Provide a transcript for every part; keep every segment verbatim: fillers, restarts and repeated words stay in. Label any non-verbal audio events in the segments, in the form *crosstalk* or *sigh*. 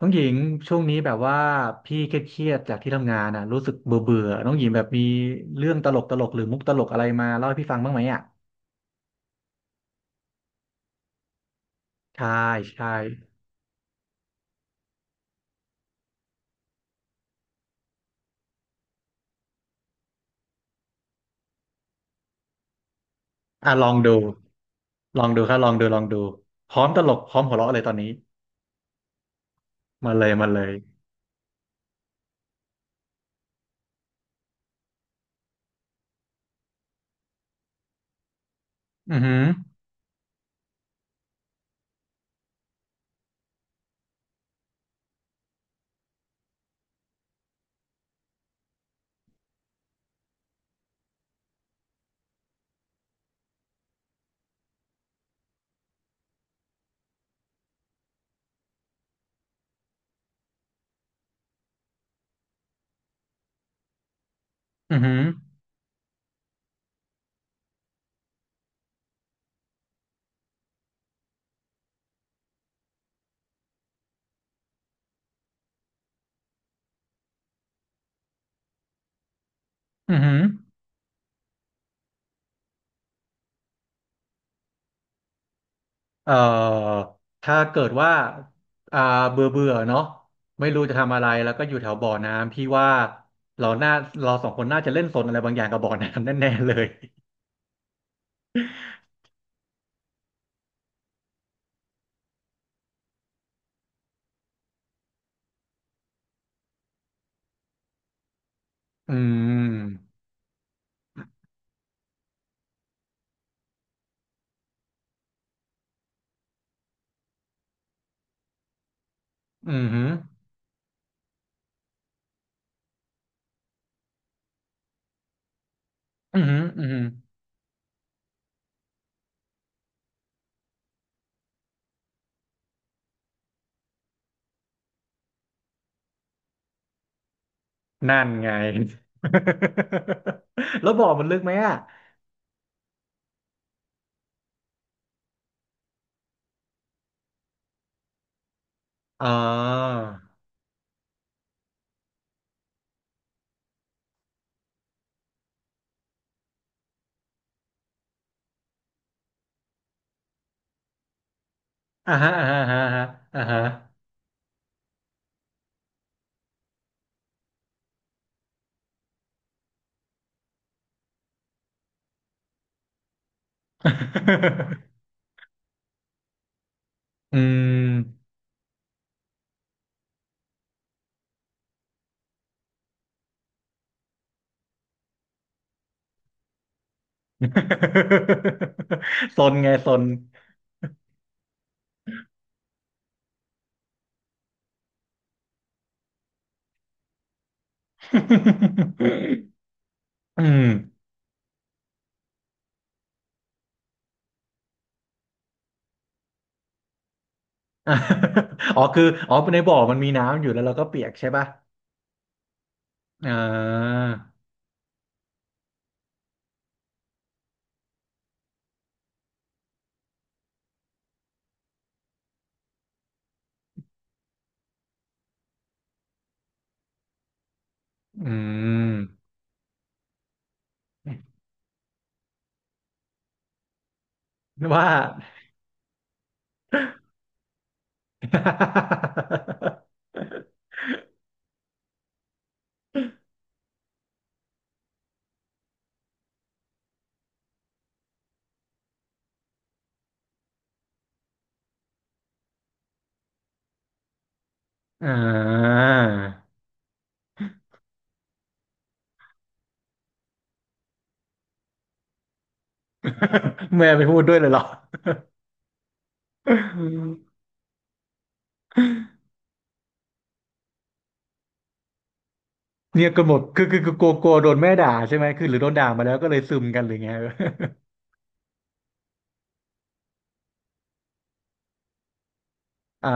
น้องหญิงช่วงนี้แบบว่าพี่เครียดๆจากที่ทำงานอ่ะรู้สึกเบื่อเบื่อน้องหญิงแบบมีเรื่องตลกตลกหรือมุกตลกอะไรมาเล่าให้พี่ฟังบ้างไหมอ่ะใช่ใช่อ่ะลองดูลองดูครับลองดูลองดูพร้อมตลกพร้อมหัวเราะเลยตอนนี้มาเลยมาเลยอือหืออือหืออือหือเอ่อถ้าเกิดว่าอ่าเบื่อเบื่อเนาะไม่รู้จะทำอะไรแล้วก็อยู่แถวบ่อน้ำพี่ว่าเราน่าเราสองคนน่าจะเล่นสนอะไรบางอย่างกับบ่อน้ำ *laughs* แน่ๆเลยอืม อือหืออือหืออือหือนั่นไง *laughs* แล้วบ่อมันลึกไหมอ่ะอ๋ออ่าฮะอ่าฮะอ่าฮะอ่าฮะ *laughs* อืม *laughs* ซนไงซน *laughs* อืม *laughs* อ๋อคือ อ๋อในบ่อมันมีน้ำอยู่แล้วเราก็เปียกใช่ป่ะอ่าอืม *laughs* ว่า *laughs* อ่า *laughs* แม่ไปพูดด้วยเลยเหรอเนี่ยก็หมดคือคือคือกลัวกลัวโดนแม่ด่าใช่ไหมคือหรือโดนด่ามาแล้วก็เลยซึมกันหรือไง *laughs* อ่า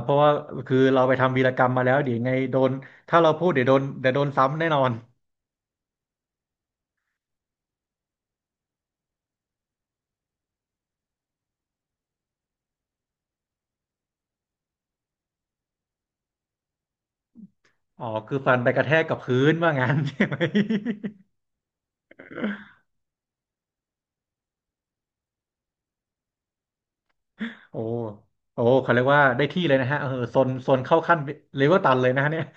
เพราะว่าคือเราไปทำวีรกรรมมาแล้วเดี๋ยวยังไงโดนถ้าเราพูดเดี๋ยวโดนเดี๋ยวโดนซ้ำแน่นอนอ๋อคือฟันไปกระแทกกับพื้นว่างั้น *laughs* ใช่ไหม *laughs* โอ้โอ้เขาเรียกว่าได้ที่เลยนะฮะเออโซนโซนเข้าขั้นเลเวลตันเลยนะฮะเนี่ย *laughs*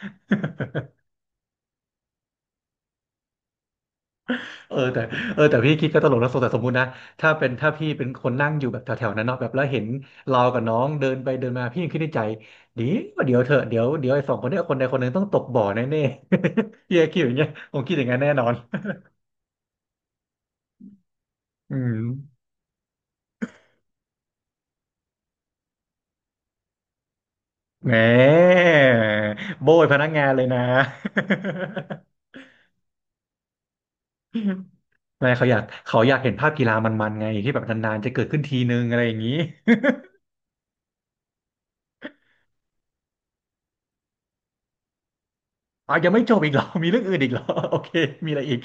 เออแต่เออแต่พี่คิดก็ตลกนะสมแต่สมมุตินะถ้าเป็นถ้าพี่เป็นคนนั่งอยู่แบบแถวๆนั้นเนาะแบบแล้วเห็นเรากับน้องเดินไปเดินมาพี่ยังคิดในใจเดียวเดี๋ยวเถอะเดี๋ยวเดี๋ยวไอ้สองคนเนี้ยคนใดคนหนึ่งต้องตกบ่อแน่ๆ *laughs* พี่ก็คิดอย่างเงี้ยผมคิดอย่างนั้นแน่นอนอืมแหมโบยพนักงานเลยนะ *laughs* ไม่เขาอยากเขาอยากเห็นภาพกีฬามันๆไงที่แบบนานๆจะเกิดขึ้นทีนึงอะไรอย่างนี้ *laughs* อ๋อยังไม่จบอีกเหรอมีเรื่องอื่นอีกเหรอ *laughs* โอเคมีอะไรอีก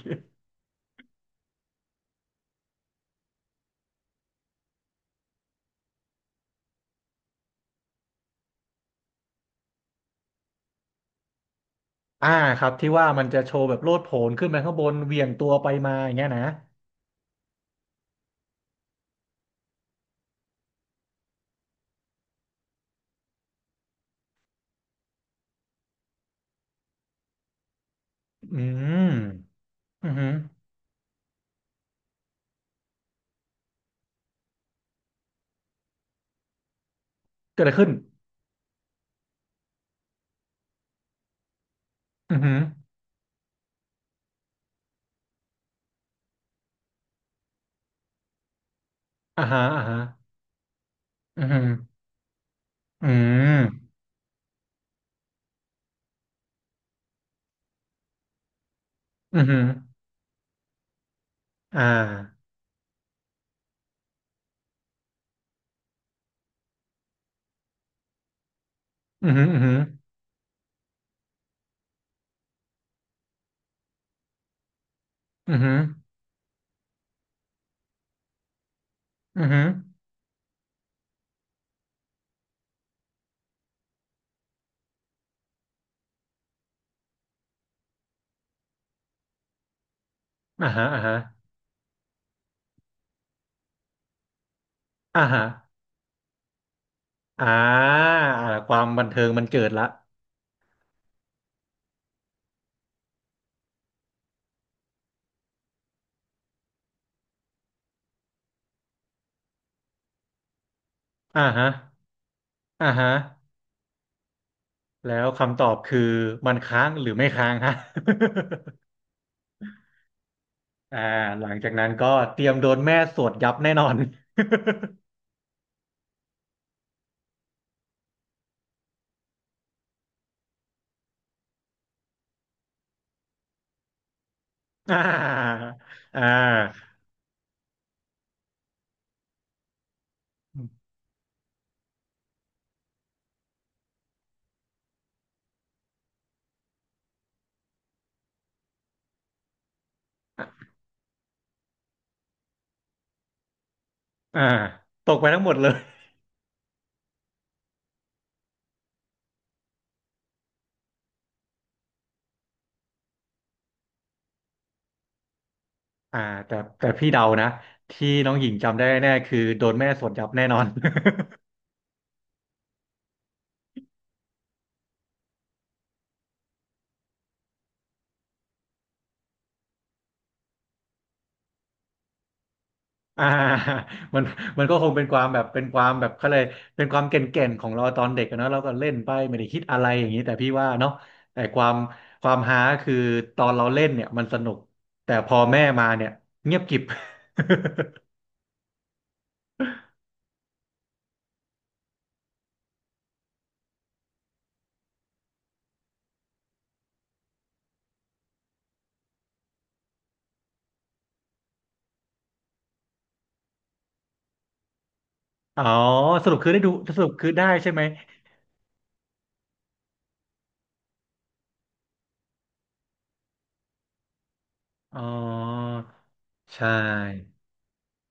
อ่าครับที่ว่ามันจะโชว์แบบโลดโผนขึ้นไปข้างบนเหวี่ยงตัวไปมาอย่างเงี้ยนะอืมอือหือเกิดอะไรขึ้นอือหืออ่าฮะอ่าฮะอือหืออืมอือหืออ่าอือหืออือหืออือหืออือหืออ่าฮะอ่าฮะอ่าฮะอ่าอ่าความบันเทิงมันเกิดละอ่าฮะอ่าฮะแล้วคำตอบคือมันค้างหรือไม่ค้างฮะ *laughs* อ่าหลังจากนั้นก็เตรียมโดนแม่สวดยับแน่นอน *laughs* อ่าอ่าอ่าตกไปทั้งหมดเลยอ่าแต่แต่พี่เดานะที่น้องหญิงจำได้แน่คือโดนแม่สวดยับแน่นอน *laughs* อ่ามันมันก็คงเป็นความแบบเป็นความแบบเขาเลยเป็นความเก่นๆของเราตอนเด็กอะเนอะเราก็เล่นไปไม่ได้คิดอะไรอย่างนี้แต่พี่ว่าเนาะแต่ความความฮาคือตอนเราเล่นเนี่ยมันสนุกแต่พอแม่มาเนี่ยเงียบกริบ *laughs* อ๋อสรุปคือได้ดูสรุปคือได้ใช่ไหมอ๋อใช่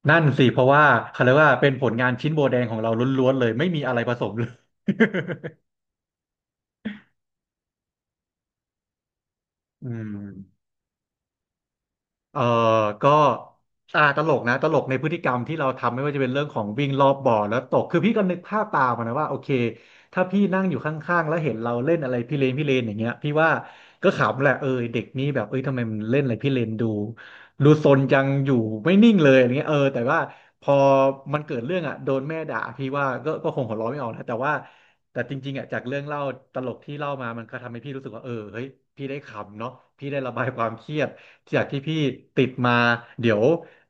นั่นสิเพราะว่าเขาเรียกว่าเป็นผลงานชิ้นโบแดงของเราล้วนๆเลยไม่มีอะไรผสมเลย *laughs* อืม เออก็อ่าตลกนะตลกในพฤติกรรมที่เราทำไม่ว่าจะเป็นเรื่องของวิ่งรอบบ่อแล้วตกคือพี่ก็นึกภาพตามอะนะว่าโอเคถ้าพี่นั่งอยู่ข้างๆแล้วเห็นเราเล่นอะไรพี่เลนพี่เลนอย่างเงี้ยพี่ว่าก็ขำแหละเออเด็กนี้แบบเอ้ยทำไมมันเล่นอะไรพี่เลนดูดูซนจังอยู่ไม่นิ่งเลยอย่างเงี้ยเออแต่ว่าพอมันเกิดเรื่องอ่ะโดนแม่ด่าพี่ว่าก็ก็คงหัวเราะไม่ออกนะแต่ว่าแต่จริงๆอ่ะจากเรื่องเล่าตลกที่เล่ามามันก็ทำให้พี่รู้สึกว่าเออเฮ้ยพี่ได้ขำเนาะพี่ได้ระบายความเครียด จากที่พี่ติดมาเดี๋ยว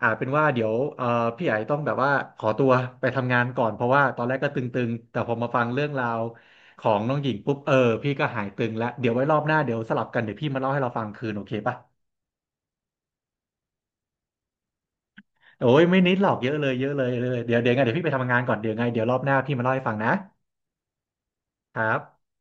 อาจเป็นว่าเดี๋ยวเอ่อพี่ไอต้องแบบว่าขอตัวไปทำงานก่อนเพราะว่าตอนแรกก็ตึงๆแต่พอมาฟังเรื่องราวของน้องหญิงปุ๊บเออพี่ก็หายตึงแล้วเดี๋ยวไว้รอบหน้าเดี๋ยวสลับกันเดี๋ยวพี่มาเล่าให้เราฟังคืนโอเคป่ะโอ้ยไม่นิดหรอกเยอะเลยเยอะเลยเยอะเลยเดี๋ยวเดี๋ยวไงเดี๋ยวพี่ไปทำงานก่อนเดี๋ยวไงเดี๋ยวรอบหน้าพี่มาเล่าให้ฟังนะครับ